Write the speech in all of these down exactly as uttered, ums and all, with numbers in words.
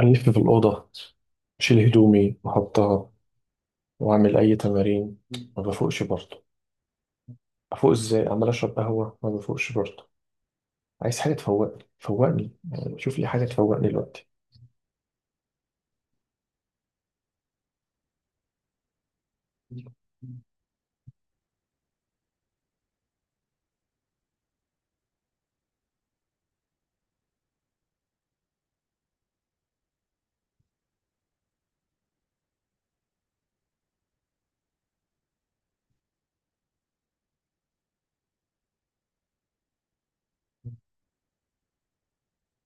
ألف في الأوضة، أشيل هدومي وأحطها وأعمل أي تمارين. ما بفوقش برضه. أفوق إزاي عمال أشرب قهوة ما بفوقش برضه. عايز حاجة تفوقني، فوقني يعني شوف لي حاجة تفوقني دلوقتي.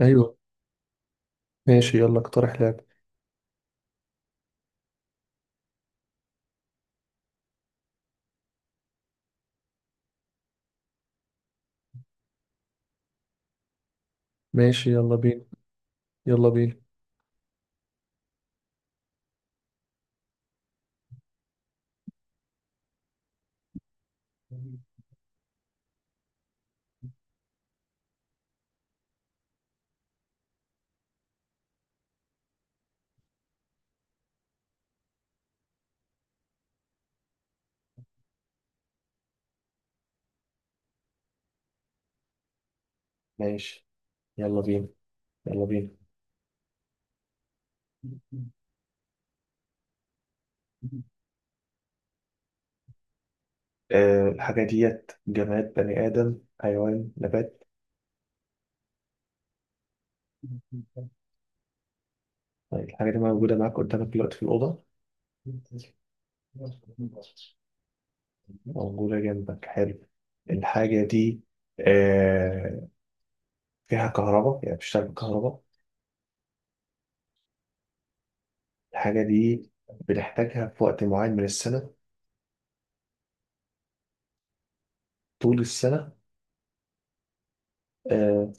أيوه، ماشي يلا اقترح لعب. ماشي يلا بينا يلا بينا ماشي يلا بينا يلا بينا أه، الحاجة ديت جماد، بني آدم، حيوان، نبات؟ طيب الحاجة دي موجودة معاك قدامك دلوقتي في الأوضة؟ موجودة جنبك؟ حلو. الحاجة دي آه، فيها كهرباء؟ يعني بتشتغل بالكهرباء. الحاجة دي بنحتاجها في وقت معين من السنة؟ طول السنة؟ آه،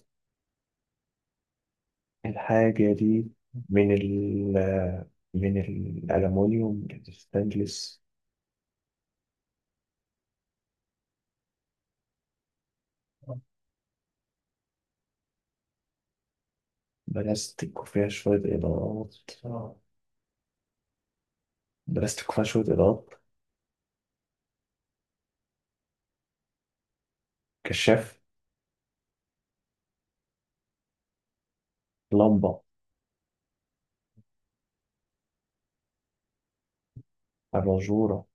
الحاجة دي من ال آه، من الألمونيوم، الستانلس؟ بلاستيك وفيها شوية إضاءات؟ بلاستيك وفيها شوية إضاءات كشاف؟ لمبة؟ أباجورة؟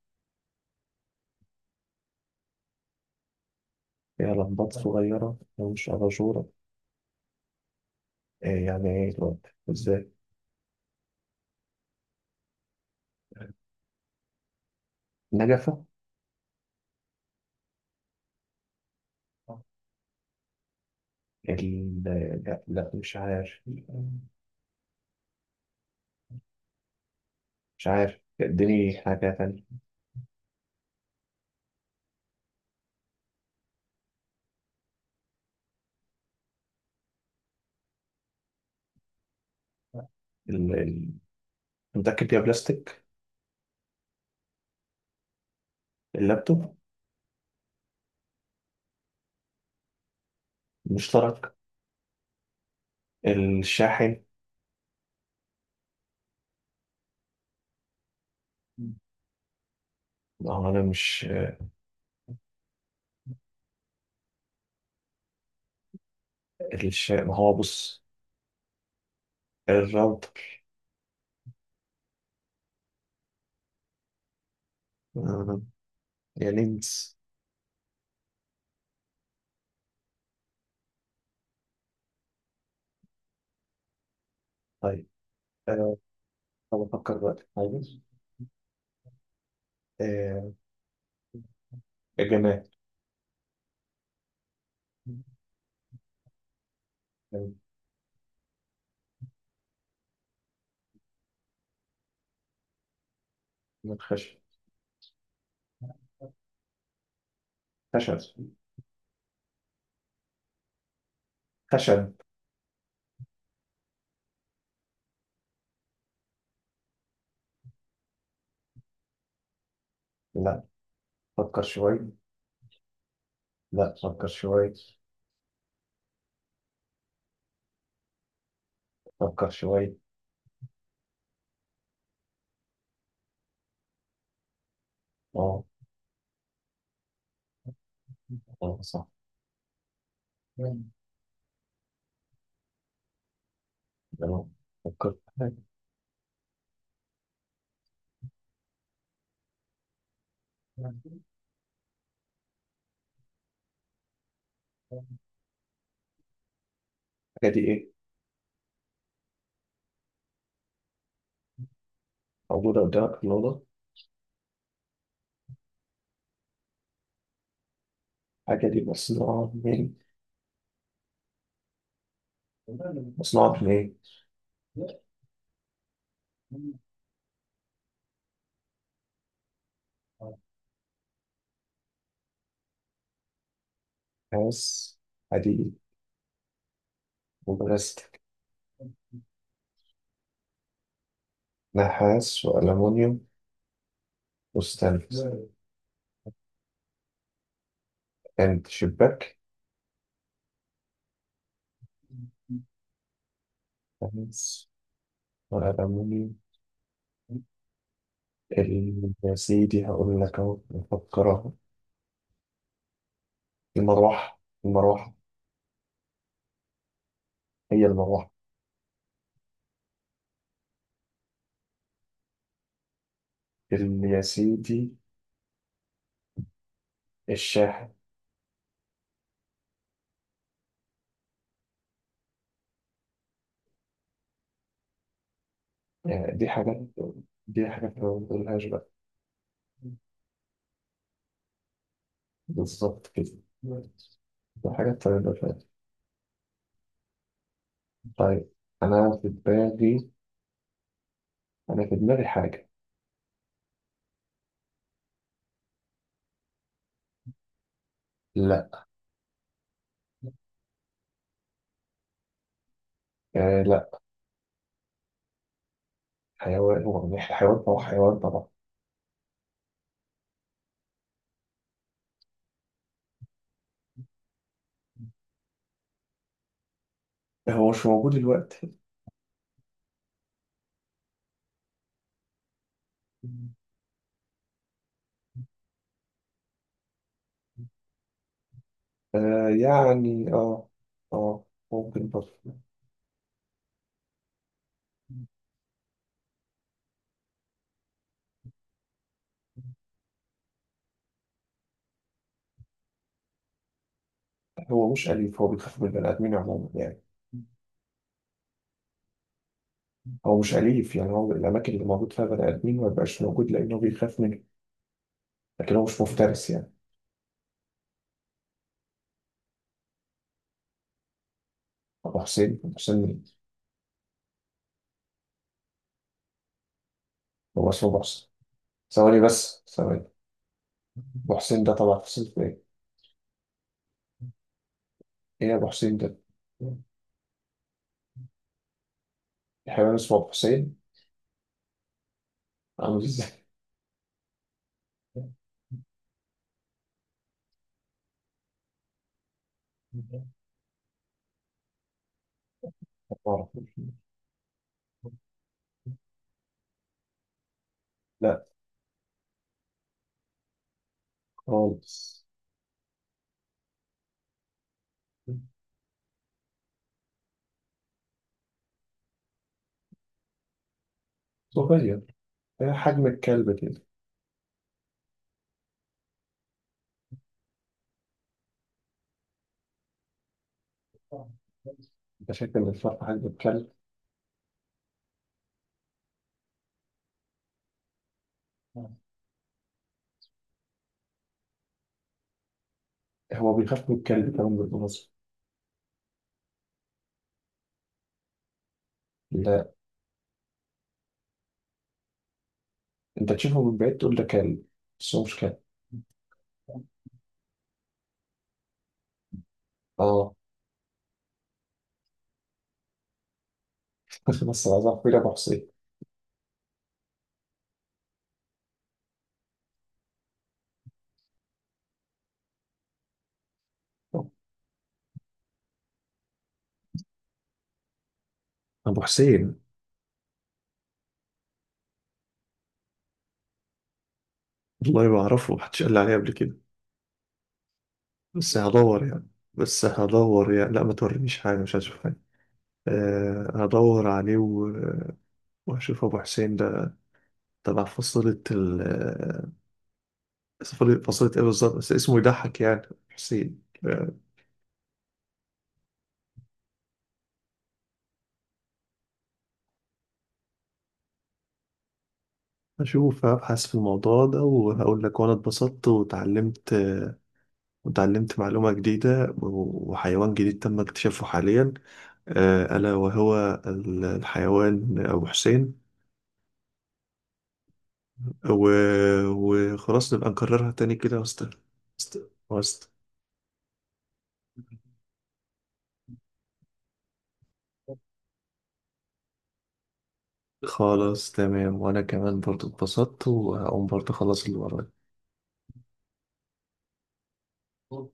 فيها لمبات صغيرة هي مش أباجورة؟ آه، يعني إيه دلوقتي إزاي؟ نجفة؟ ال... لا لا مش عارف، مش عارف اديني حاجة تانية. ال... ال... متأكد يا بلاستيك؟ اللابتوب؟ المشترك؟ الشاحن؟ ما هو أنا مش... الش... ما هو بص، الراوتر؟ آه، يا لينس. طيب، أه... طب أفكر بقى. طيب، أه... الجماد. من خشب. خشب خشب لا فكر شوي، لا فكر شوي فكر شوي اه. اه صح. لو فكرت في حاجة. الحاجة دي إيه؟ موجودة قدامك في الأوضة؟ الحاجة دي مصنوعة من، مصنوعة من إيه؟ نحاس، حديد، وبلاستيك؟ نحاس وألمونيوم وستانلس؟ عند شباك؟ نحاس وألمونيوم ال- يا سيدي هقول لك أهو، نفكر أهو. المروحة، المروحة هي المروحة؟ ال- يا سيدي، الشاحن. يعني دي حاجات، دي حاجات ما بنقولهاش بقى. بالظبط كده. ده حاجة طيبة فعلا. طيب، أنا في دماغي، أنا في دماغي حاجة. لا. آه لا. حيوان؟ هو يعني حيوان، هو حيوان طبعا. هو مش موجود دلوقتي. آه يعني اه، اه ممكن برضه. هو مش أليف، هو بيخاف من البني آدمين عموما يعني. هو مش أليف يعني، هو الأماكن اللي موجود فيها بني آدمين ما بيبقاش موجود لأنه بيخاف منه. لكن هو مش مفترس يعني. أبو حسين؟ أبو حسين مين؟ هو اسمه أبو حسين؟ ثواني بس، ثواني. ابو حسين ده طبعا حسين في ايه؟ ايه يا ابو حسين ده؟ حيوان اسمه ابو حسين؟ عامل ازاي؟ ما أعرف. لا. خالص. صغير. إيه حجم الكلب كده. انت شايف ان الفرق حجم الكلب. هو بيخاف من الكلب كمان بالمناسبة. لا، انت تشوفه من بعيد تقول ده كلب، بس هو مش كلب. اه. بس عايز اعرف مين ابو حسين. أبو حسين، والله ما أعرفه، محدش قال لي عليه قبل كده. بس هدور يعني، بس هدور يعني لا ما تورينيش حاجة، مش هشوف. آه، هدور عليه و- واشوف ابو حسين ده تبع فصيلة ال آه، فصيلة، فصيلة ايه بالظبط؟ بس اسمه يضحك يعني. حسين. آه، اشوف ابحث في الموضوع ده وهقول لك، وانا اتبسطت وتعلمت، آه، وتعلمت معلومة جديدة و- وحيوان جديد تم اكتشافه حاليا، آه، ألا وهو ال- الحيوان أبو حسين. و- وخلاص نبقى نكررها تاني كده. وست وست وست خلاص، تمام. وانا كمان برضو اتبسطت وهقوم برضو اخلص اللي ورايا.